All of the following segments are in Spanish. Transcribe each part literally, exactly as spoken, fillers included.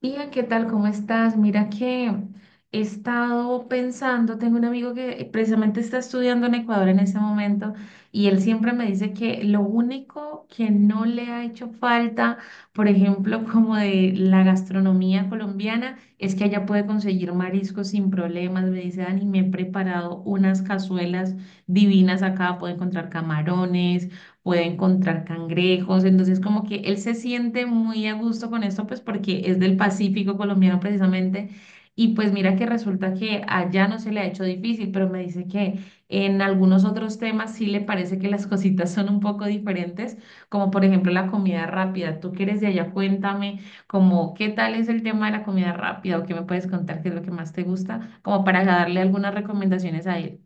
Bien, ¿qué tal? ¿Cómo estás? Mira que he estado pensando, tengo un amigo que precisamente está estudiando en Ecuador en ese momento y él siempre me dice que lo único que no le ha hecho falta, por ejemplo, como de la gastronomía colombiana, es que allá puede conseguir mariscos sin problemas. Me dice, Dani, me he preparado unas cazuelas divinas acá, puedo encontrar camarones, puede encontrar cangrejos, entonces como que él se siente muy a gusto con esto, pues porque es del Pacífico colombiano precisamente, y pues mira que resulta que allá no se le ha hecho difícil, pero me dice que en algunos otros temas sí le parece que las cositas son un poco diferentes, como por ejemplo la comida rápida, tú que eres de allá, cuéntame como qué tal es el tema de la comida rápida o qué me puedes contar, qué es lo que más te gusta, como para darle algunas recomendaciones a él.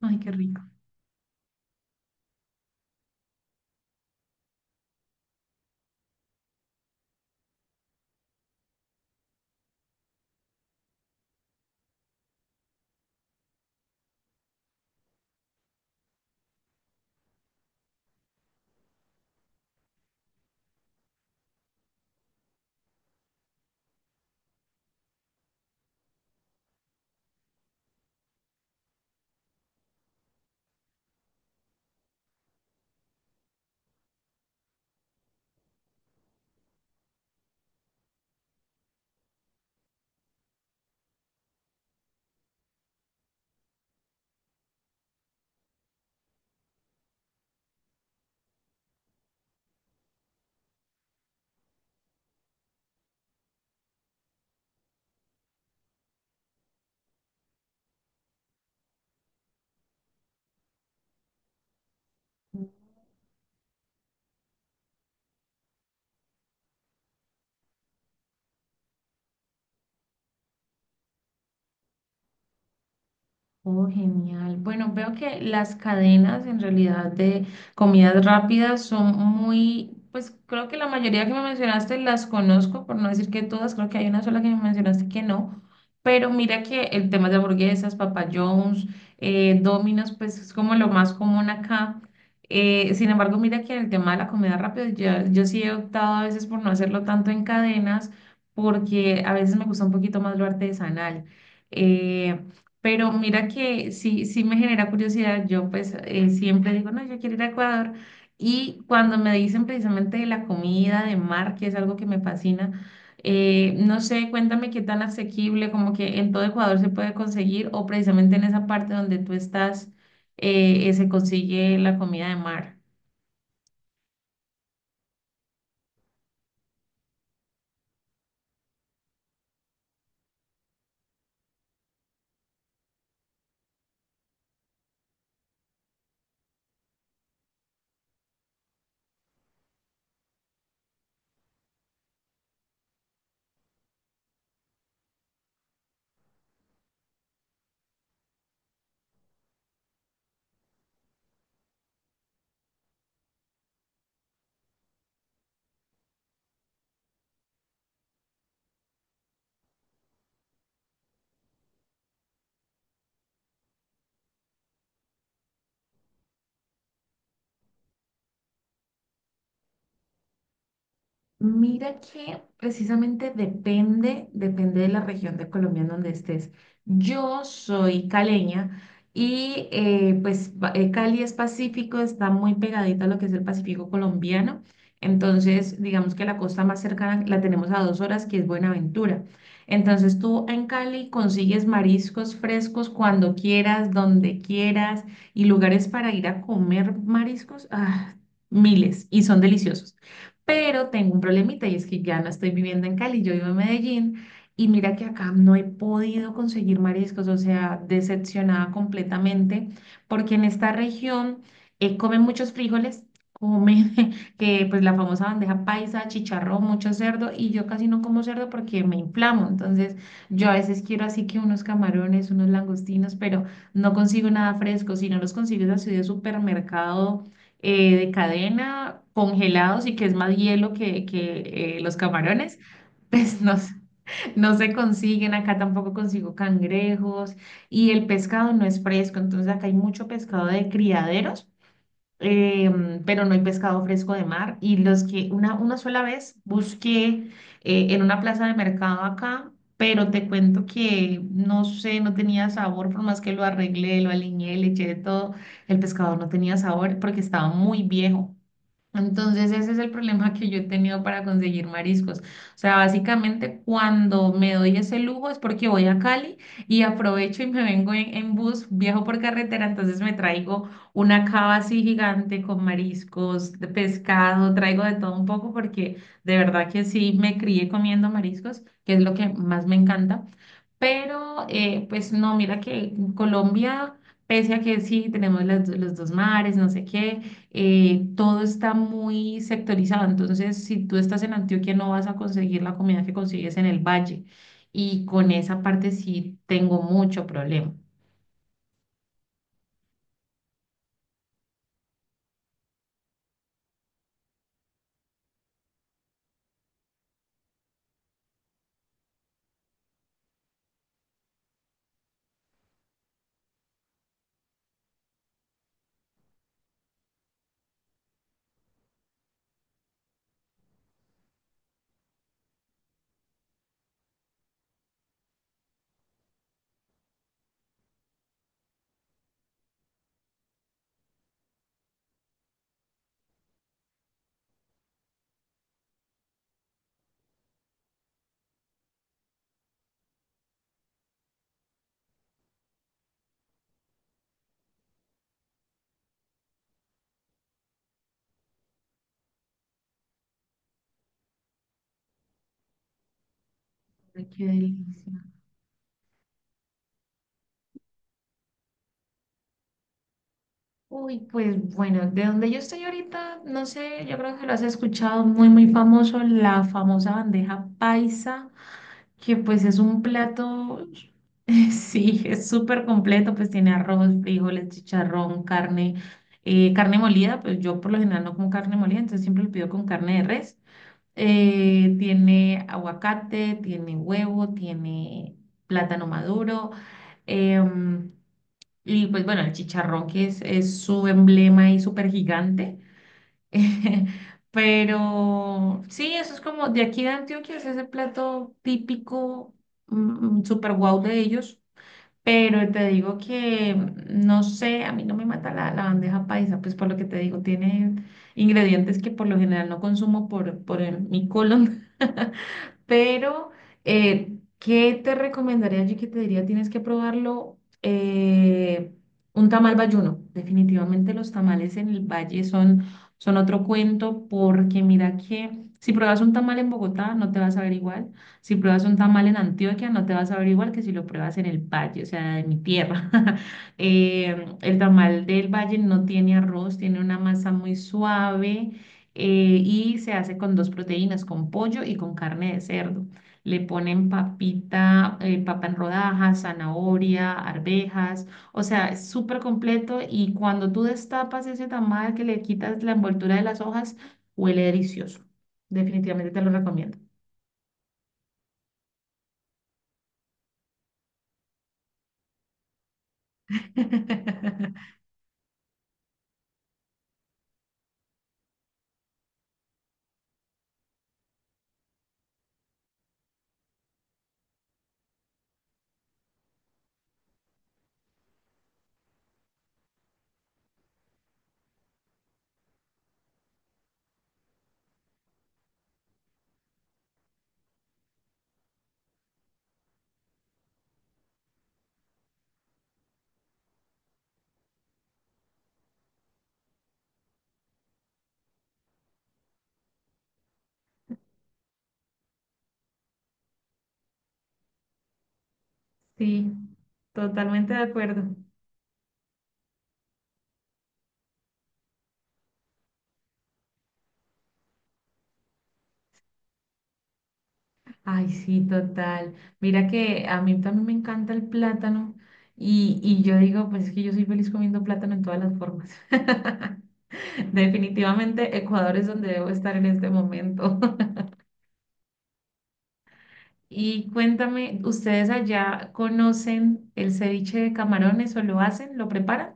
Ay, qué rico. Oh, genial. Bueno, veo que las cadenas en realidad de comidas rápidas son muy, pues creo que la mayoría que me mencionaste las conozco, por no decir que todas, creo que hay una sola que me mencionaste que no, pero mira que el tema de hamburguesas, Papa John's, eh, Domino's, pues es como lo más común acá. Eh, sin embargo, mira que en el tema de la comida rápida, yo, yo sí he optado a veces por no hacerlo tanto en cadenas, porque a veces me gusta un poquito más lo artesanal. Eh, pero mira que sí, sí me genera curiosidad. Yo pues eh, siempre digo, no, yo quiero ir a Ecuador. Y cuando me dicen precisamente de la comida, de mar, que es algo que me fascina, eh, no sé, cuéntame qué tan asequible, como que en todo Ecuador se puede conseguir o precisamente en esa parte donde tú estás, eh, eh, se consigue la comida de mar. Mira que precisamente depende, depende de la región de Colombia en donde estés. Yo soy caleña y eh, pues ba- eh, Cali es Pacífico, está muy pegadita a lo que es el Pacífico colombiano. Entonces, digamos que la costa más cercana la tenemos a dos horas, que es Buenaventura. Entonces, tú en Cali consigues mariscos frescos cuando quieras, donde quieras y lugares para ir a comer mariscos, ah, miles y son deliciosos. Pero tengo un problemita y es que ya no estoy viviendo en Cali, yo vivo en Medellín y mira que acá no he podido conseguir mariscos, o sea, decepcionada completamente, porque en esta región eh, comen muchos frijoles, comen que pues la famosa bandeja paisa, chicharrón, mucho cerdo y yo casi no como cerdo porque me inflamo, entonces yo a veces quiero así que unos camarones, unos langostinos, pero no consigo nada fresco, si no los consigo es así de supermercado eh, de cadena, congelados y que es más hielo que, que eh, los camarones, pues no, s- no se consiguen. Acá tampoco consigo cangrejos y el pescado no es fresco, entonces acá hay mucho pescado de criaderos, em, pero no hay pescado fresco de mar. Y los que una, una sola vez busqué eh, en una plaza de mercado acá, pero te cuento que no sé, no tenía sabor, por más que lo arreglé, lo aliñé, le eché de todo, el pescado no tenía sabor porque estaba muy viejo. Entonces ese es el problema que yo he tenido para conseguir mariscos. O sea, básicamente cuando me doy ese lujo es porque voy a Cali y aprovecho y me vengo en, en bus, viajo por carretera, entonces me traigo una cava así gigante con mariscos, de pescado, traigo de todo un poco porque de verdad que sí me crié comiendo mariscos, que es lo que más me encanta. Pero, eh, pues no, mira que en Colombia, pese a que sí tenemos las los, dos mares, no sé qué, eh, todo está muy sectorizado, entonces si tú estás en Antioquia no vas a conseguir la comida que consigues en el valle y con esa parte sí tengo mucho problema. Ay, qué delicia. Uy, pues bueno, de donde yo estoy ahorita, no sé, yo creo que lo has escuchado muy, muy famoso, la famosa bandeja paisa, que pues es un plato, sí, es súper completo, pues tiene arroz, frijoles, chicharrón, carne, eh, carne molida, pues yo por lo general no como carne molida, entonces siempre lo pido con carne de res. Eh, tiene aguacate, tiene huevo, tiene plátano maduro, em, y pues bueno, el chicharrón que es, es su emblema y súper gigante. Pero sí, eso es como de aquí de Antioquia, es ese plato típico, mm, mm, super guau de ellos. Pero te digo que, mm, no sé, a mí no me mata la, la bandeja paisa, pues por lo que te digo, tiene ingredientes que por lo general no consumo por, por el- mi colon. Pero, eh, ¿qué te recomendaría yo que te diría? Tienes que probarlo. eh, un tamal bayuno. Definitivamente los tamales en el valle son, son otro cuento porque mira que si pruebas un tamal en Bogotá no te vas a ver igual. Si pruebas un tamal en Antioquia no te vas a ver igual que si lo pruebas en el valle, o sea, en mi tierra. Eh, el tamal del valle no tiene arroz, tiene una masa muy suave, eh, y se hace con dos proteínas, con pollo y con carne de cerdo. Le ponen papita, eh, papa en rodajas, zanahoria, arvejas, o sea, es súper completo y cuando tú destapas ese tamal que le quitas la envoltura de las hojas, huele delicioso. Definitivamente te lo recomiendo. Sí, totalmente de acuerdo. Ay, sí, total. Mira que a mí también me encanta el plátano y, y yo digo, pues es que yo soy feliz comiendo plátano en todas las formas. Definitivamente Ecuador es donde debo estar en este momento. Y cuéntame, ¿ustedes allá conocen el ceviche de camarones o lo hacen, lo preparan?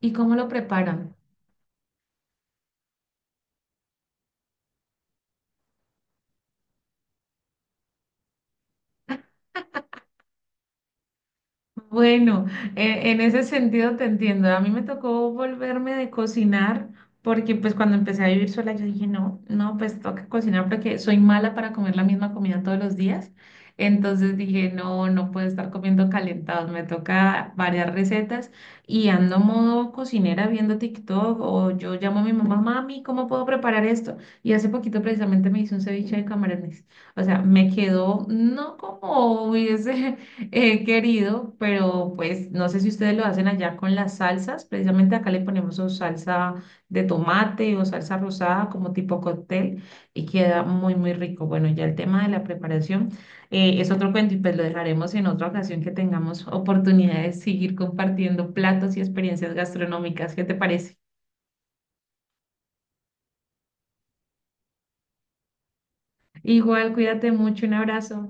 ¿Y cómo lo preparan? Bueno, e- en ese sentido te entiendo. A mí me tocó volverme de cocinar porque pues cuando empecé a vivir sola yo dije, no, no, pues toca cocinar porque soy mala para comer la misma comida todos los días. Entonces dije, no, no puedo estar comiendo calentados, me toca varias recetas y ando modo cocinera viendo TikTok o yo llamo a mi mamá, mami, ¿cómo puedo preparar esto? Y hace poquito precisamente me hice un ceviche de camarones. O sea, me quedó no como hubiese He querido, pero pues no sé si ustedes lo hacen allá con las salsas. Precisamente acá le ponemos o salsa de tomate o salsa rosada como tipo cóctel y queda muy, muy rico. Bueno, ya el tema de la preparación eh, es otro cuento y pues lo dejaremos en otra ocasión que tengamos oportunidad de seguir compartiendo platos y experiencias gastronómicas. ¿Qué te parece? Igual, cuídate mucho, un abrazo.